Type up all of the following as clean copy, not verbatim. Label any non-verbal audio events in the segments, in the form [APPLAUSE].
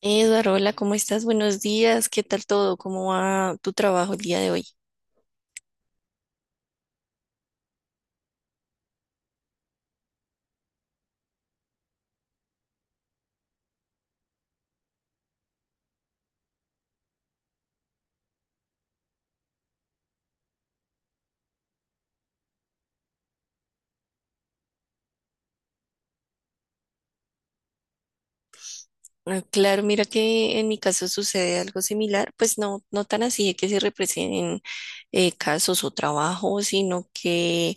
Eduardo, hola, ¿cómo estás? Buenos días, ¿qué tal todo? ¿Cómo va tu trabajo el día de hoy? Ah, claro, mira que en mi caso sucede algo similar, pues no, no tan así de que se representen casos o trabajos, sino que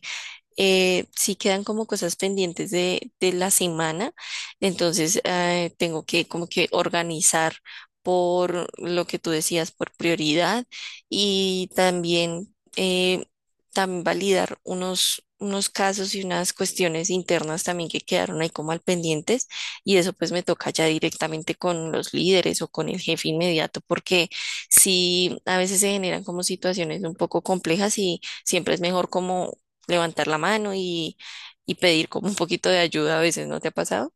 sí quedan como cosas pendientes de la semana, entonces tengo que como que organizar por lo que tú decías, por prioridad y también, también validar unos casos y unas cuestiones internas también que quedaron ahí como al pendientes, y eso pues me toca ya directamente con los líderes o con el jefe inmediato, porque si a veces se generan como situaciones un poco complejas y siempre es mejor como levantar la mano y pedir como un poquito de ayuda a veces. ¿No te ha pasado?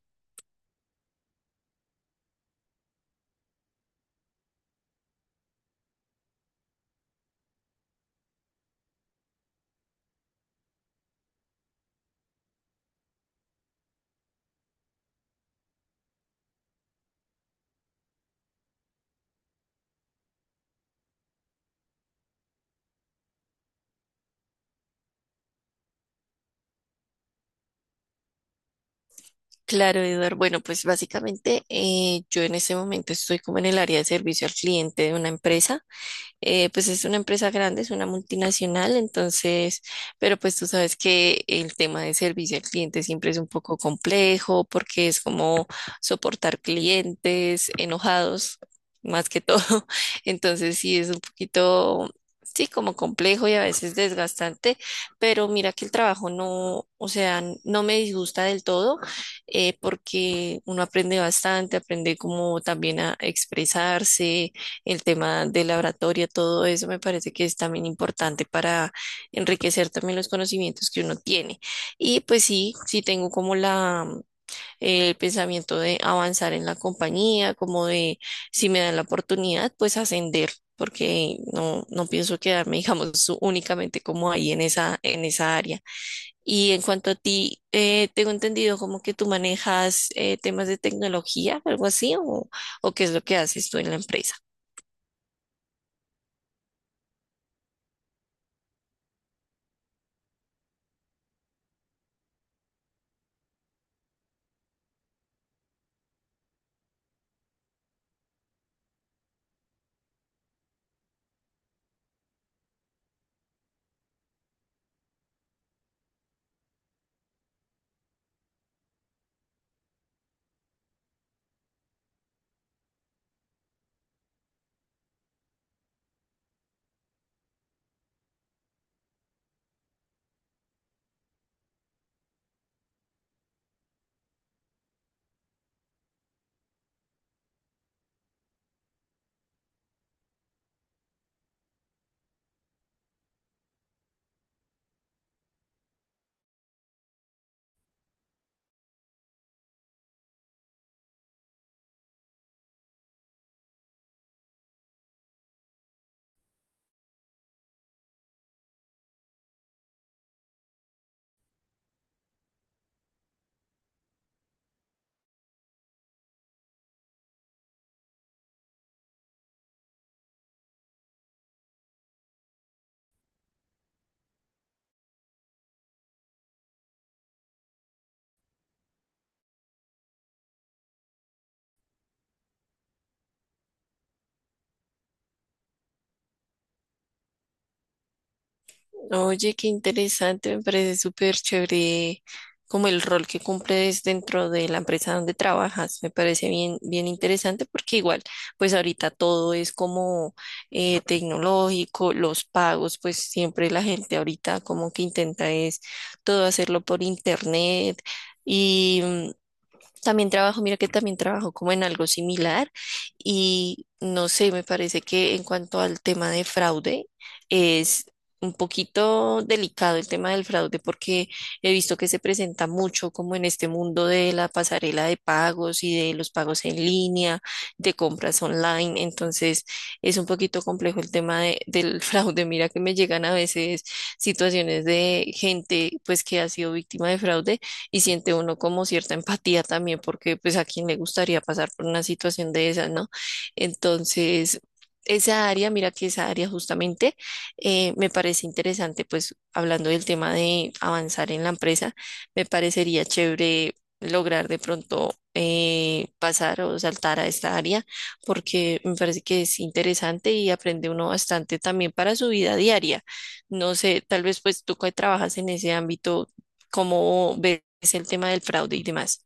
Claro, Eduardo. Bueno, pues básicamente yo en este momento estoy como en el área de servicio al cliente de una empresa. Pues es una empresa grande, es una multinacional, entonces, pero pues tú sabes que el tema de servicio al cliente siempre es un poco complejo porque es como soportar clientes enojados más que todo. [LAUGHS] Entonces sí es un poquito, sí, como complejo y a veces desgastante, pero mira que el trabajo no, o sea, no me disgusta del todo, porque uno aprende bastante, aprende como también a expresarse, el tema de la oratoria, todo eso me parece que es también importante para enriquecer también los conocimientos que uno tiene. Y pues sí, sí tengo como la, el pensamiento de avanzar en la compañía, como de si me dan la oportunidad, pues ascender, porque no, no pienso quedarme, [LAUGHS] digamos, únicamente como ahí en esa área. Y en cuanto a ti, tengo entendido como que tú manejas temas de tecnología, algo así, o qué es lo que haces tú en la empresa. Oye, qué interesante, me parece súper chévere como el rol que cumples dentro de la empresa donde trabajas. Me parece bien, bien interesante, porque igual, pues ahorita todo es como tecnológico, los pagos, pues siempre la gente ahorita como que intenta es todo hacerlo por internet. Y mm, también trabajo, mira que también trabajo como en algo similar y no sé, me parece que en cuanto al tema de fraude es un poquito delicado el tema del fraude, porque he visto que se presenta mucho como en este mundo de la pasarela de pagos y de los pagos en línea, de compras online, entonces es un poquito complejo el tema del [LAUGHS] fraude. Mira que me llegan a veces situaciones de gente pues que ha sido víctima de fraude y siente uno como cierta empatía también, porque pues a quién le gustaría pasar por una situación de esa, ¿no? Entonces, esa área, mira que esa área justamente me parece interesante, pues hablando del tema de avanzar en la empresa, me parecería chévere lograr de pronto pasar o saltar a esta área, porque me parece que es interesante y aprende uno bastante también para su vida diaria. No sé, tal vez pues tú que trabajas en ese ámbito cómo ves el tema del fraude y demás.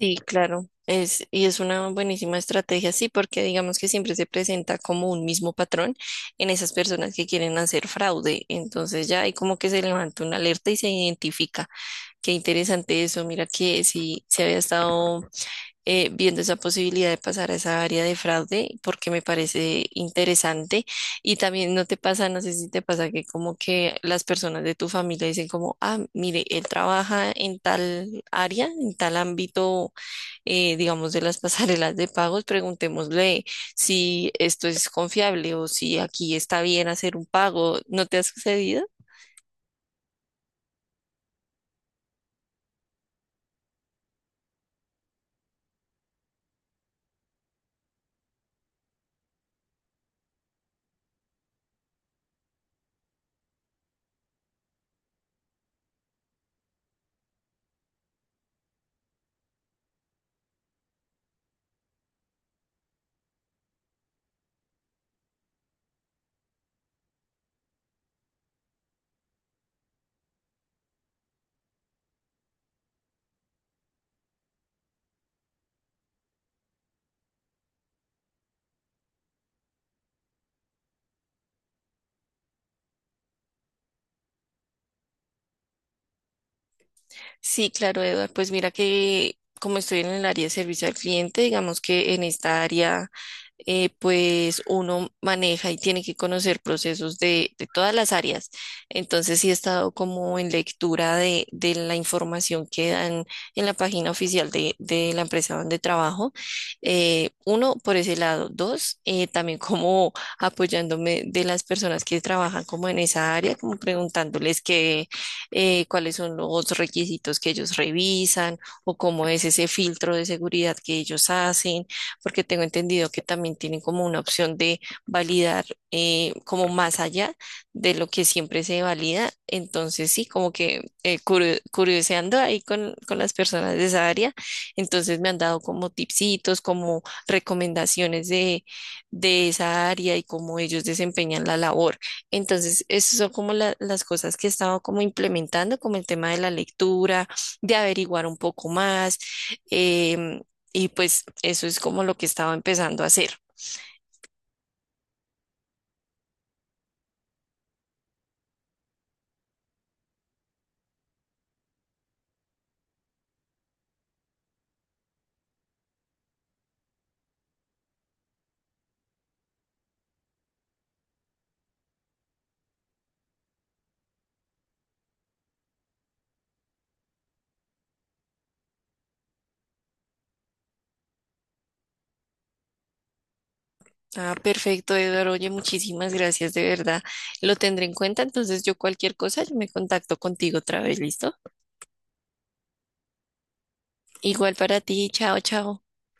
Sí, claro, es, y es una buenísima estrategia, sí, porque digamos que siempre se presenta como un mismo patrón en esas personas que quieren hacer fraude. Entonces ya hay como que se levanta una alerta y se identifica. Qué interesante eso, mira que si se había estado viendo esa posibilidad de pasar a esa área de fraude porque me parece interesante, y también no te pasa, no sé si te pasa que como que las personas de tu familia dicen como, ah, mire, él trabaja en tal área, en tal ámbito, digamos, de las [LAUGHS] pasarelas de pagos, preguntémosle si esto es confiable o si aquí está bien hacer un pago. ¿No te ha sucedido? Sí, claro, Eduard. Pues mira que como estoy en el área de servicio al cliente, digamos que en esta área, pues uno maneja y tiene que conocer procesos de todas las áreas. Entonces sí he estado como en lectura de la información que dan en la página oficial de la empresa donde trabajo. Uno, por ese lado. Dos, también como apoyándome de las personas que trabajan como en esa área, como preguntándoles qué cuáles son los requisitos que ellos revisan o cómo es ese filtro de seguridad que ellos hacen, porque tengo entendido que también tienen como una opción de validar como más allá de lo que siempre se valida. Entonces, sí, como que curioseando ahí con las personas de esa área, entonces me han dado como tipsitos, como recomendaciones de esa área y cómo ellos desempeñan la labor. Entonces, esas son como las cosas que he estado como implementando, como el tema de la lectura, de averiguar un poco más. em, y pues eso es como lo que he estado empezando a hacer. Ah, perfecto, Eduardo. Oye, muchísimas gracias, de verdad. Lo tendré en cuenta. Entonces, yo cualquier cosa, yo me contacto contigo otra vez, ¿listo? Igual para ti. Chao, chao.